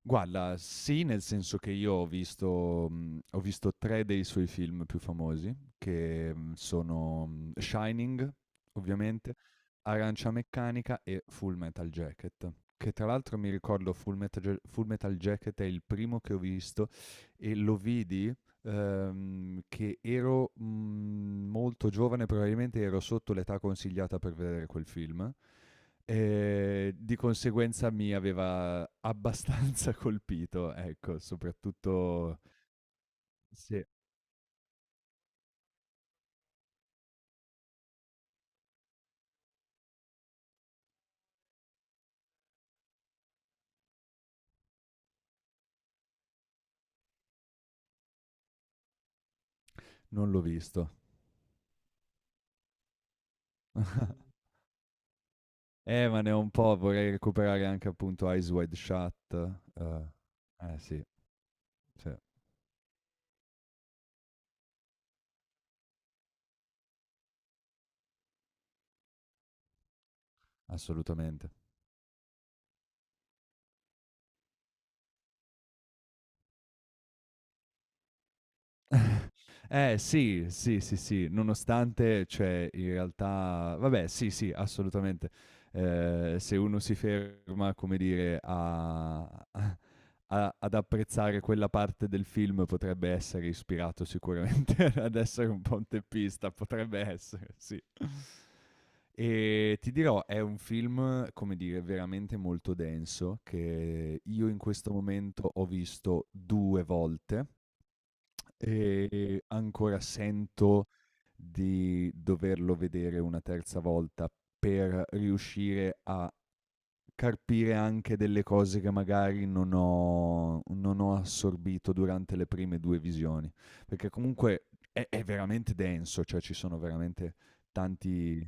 Guarda, sì, nel senso che io ho visto tre dei suoi film più famosi, che, sono, Shining, ovviamente, Arancia Meccanica e Full Metal Jacket, che tra l'altro mi ricordo Full Metal Jacket è il primo che ho visto e lo vidi, che ero, molto giovane, probabilmente ero sotto l'età consigliata per vedere quel film. Di conseguenza mi aveva abbastanza colpito, ecco, soprattutto sì, non l'ho visto. Ma ne ho un po', vorrei recuperare anche appunto Eyes Wide Shut, uhm, eh sì, sì, assolutamente. Eh sì, sì, sì, sì, nonostante cioè in realtà vabbè sì, sì, assolutamente. Se uno si ferma, come dire, ad apprezzare quella parte del film potrebbe essere ispirato sicuramente ad essere un ponteppista, potrebbe essere, sì. E ti dirò, è un film, come dire, veramente molto denso, che io in questo momento ho visto due volte e ancora sento di doverlo vedere una terza volta per riuscire a carpire anche delle cose che magari non ho assorbito durante le prime due visioni, perché comunque è veramente denso, cioè ci sono veramente tanti.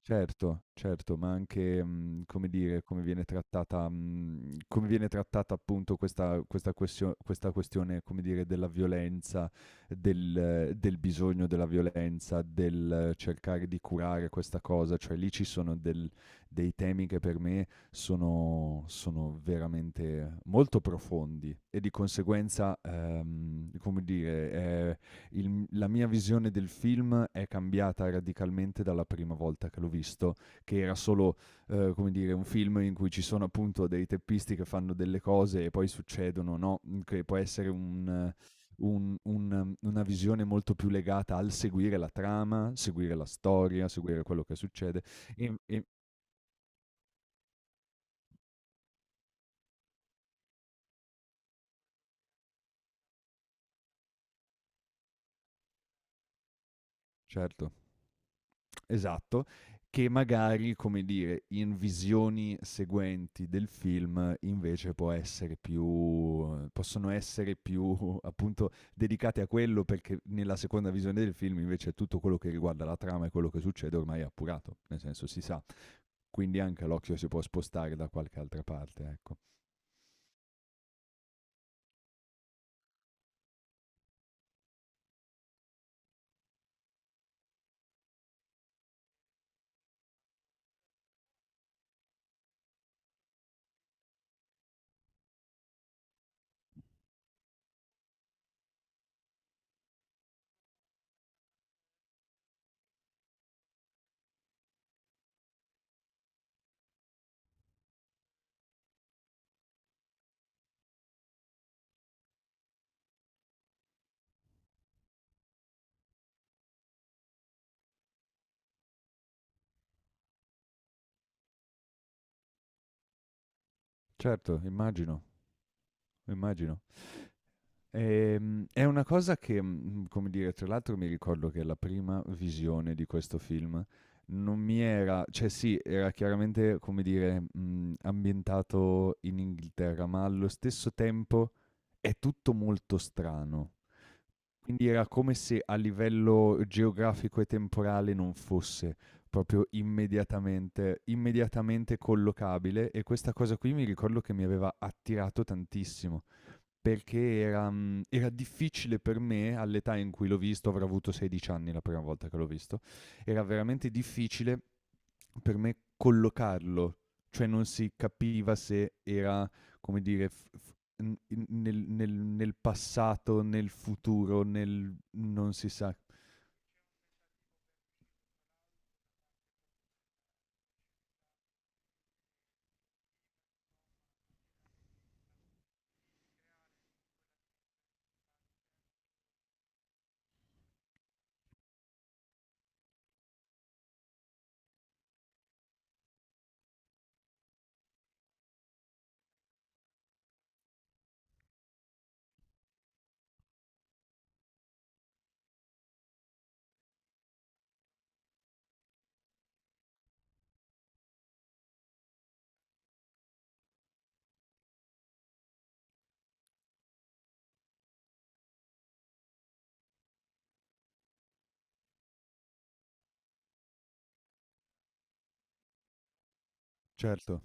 Certo, certo, ma anche, come dire, come viene trattata appunto questa questione, come dire, della violenza, del bisogno della violenza, del cercare di curare questa cosa, cioè lì ci sono del dei temi che per me sono veramente molto profondi e di conseguenza, come dire, la mia visione del film è cambiata radicalmente dalla prima volta che l'ho visto, che era solo, come dire, un film in cui ci sono appunto dei teppisti che fanno delle cose e poi succedono, no? Che può essere una visione molto più legata al seguire la trama, seguire la storia, seguire quello che succede. E- e- certo. Esatto, che magari, come dire, in visioni seguenti del film invece può essere più possono essere più appunto dedicate a quello perché nella seconda visione del film invece tutto quello che riguarda la trama e quello che succede ormai è appurato, nel senso si sa. Quindi anche l'occhio si può spostare da qualche altra parte, ecco. Certo, immagino, immagino. È una cosa che, come dire, tra l'altro mi ricordo che la prima visione di questo film non mi era cioè sì, era chiaramente, come dire, ambientato in Inghilterra, ma allo stesso tempo è tutto molto strano. Quindi era come se a livello geografico e temporale non fosse proprio immediatamente collocabile e questa cosa qui mi ricordo che mi aveva attirato tantissimo. Perché era difficile per me, all'età in cui l'ho visto, avrò avuto 16 anni la prima volta che l'ho visto, era veramente difficile per me collocarlo, cioè non si capiva se era, come dire, f f n in nel nel nel passato, nel futuro, nel non si sa. Certo.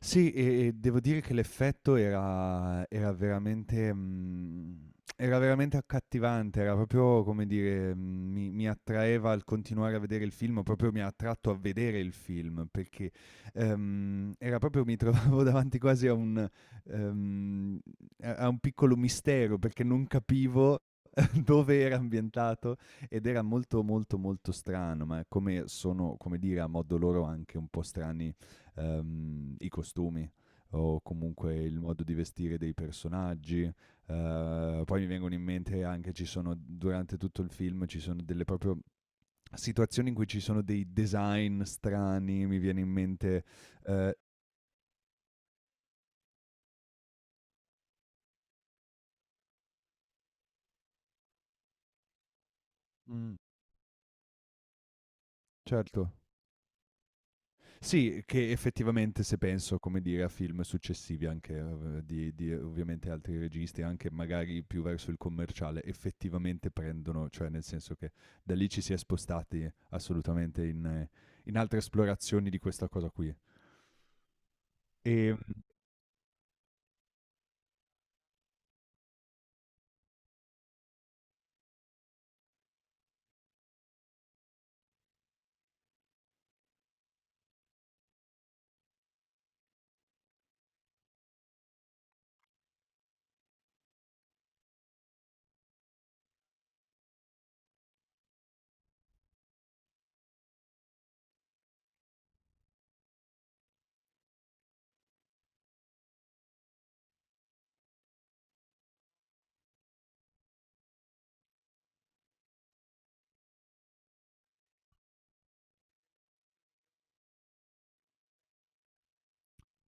Sì, e devo dire che l'effetto era veramente accattivante, era proprio come dire, mhmm, mi mi attraeva al continuare a vedere il film, proprio mi ha attratto a vedere il film, perché, era proprio mi trovavo davanti quasi a un ehm, a un piccolo mistero, perché non capivo dove era ambientato ed era molto, molto, molto strano, ma come sono, come dire, a modo loro anche un po' strani i costumi o comunque il modo di vestire dei personaggi. Poi mi vengono in mente anche, ci sono, durante tutto il film, ci sono delle proprio situazioni in cui ci sono dei design strani, mi viene in mente. eh, mm, certo. Sì, che effettivamente se penso, come dire, a film successivi anche di ovviamente altri registi, anche magari più verso il commerciale, effettivamente prendono, cioè nel senso che da lì ci si è spostati assolutamente in, in altre esplorazioni di questa cosa qui. E mm,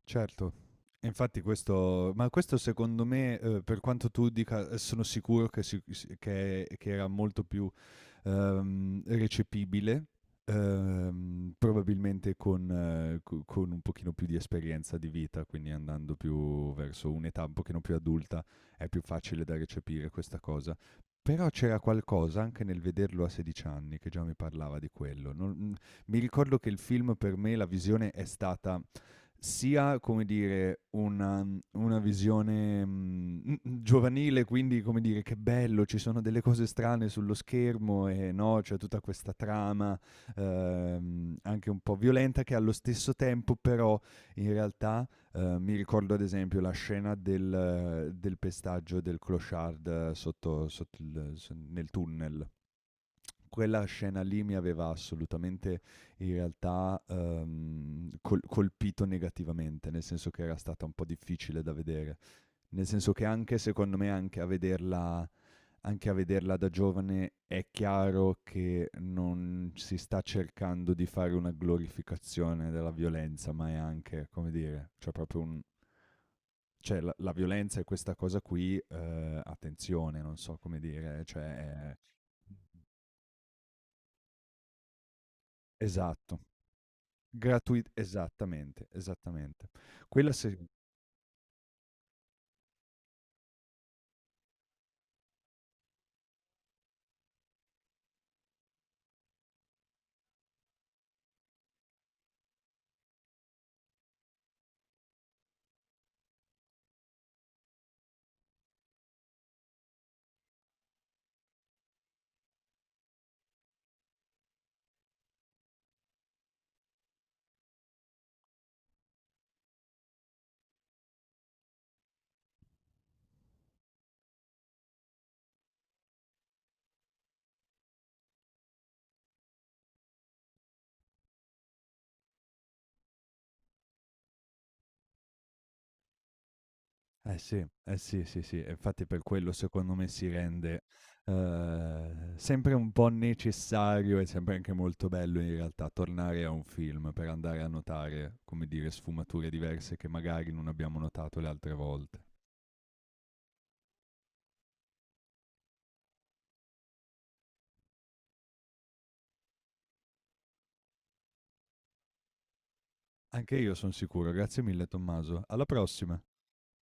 certo, e infatti questo, ma questo secondo me, per quanto tu dica, sono sicuro che, si- si- che era molto più recepibile, probabilmente con un pochino più di esperienza di vita, quindi andando più verso un'età un pochino più adulta, è più facile da recepire questa cosa. Però c'era qualcosa anche nel vederlo a 16 anni che già mi parlava di quello. Mi ricordo che il film per me, la visione è stata sia, come dire, una, visione giovanile, quindi, come dire, che bello, ci sono delle cose strane sullo schermo e no, c'è tutta questa trama anche un po' violenta che allo stesso tempo però in realtà mi ricordo ad esempio la scena del pestaggio del clochard sotto nel tunnel. Quella scena lì mi aveva assolutamente in realtà colpito negativamente, nel senso che era stata un po' difficile da vedere, nel senso che anche secondo me anche a vederla da giovane è chiaro che non si sta cercando di fare una glorificazione della violenza, ma è anche, come dire, cioè proprio un, cioè la violenza è questa cosa qui, attenzione, non so come dire, cioè esatto. Gratui Esattamente, esattamente. Quella sì. Eh sì, eh sì, sì, sì, e infatti per quello secondo me si rende, sempre un po' necessario e sempre anche molto bello in realtà tornare a un film per andare a notare, come dire, sfumature diverse che magari non abbiamo notato le altre volte. Anche io son sicuro, grazie mille Tommaso. Alla prossima.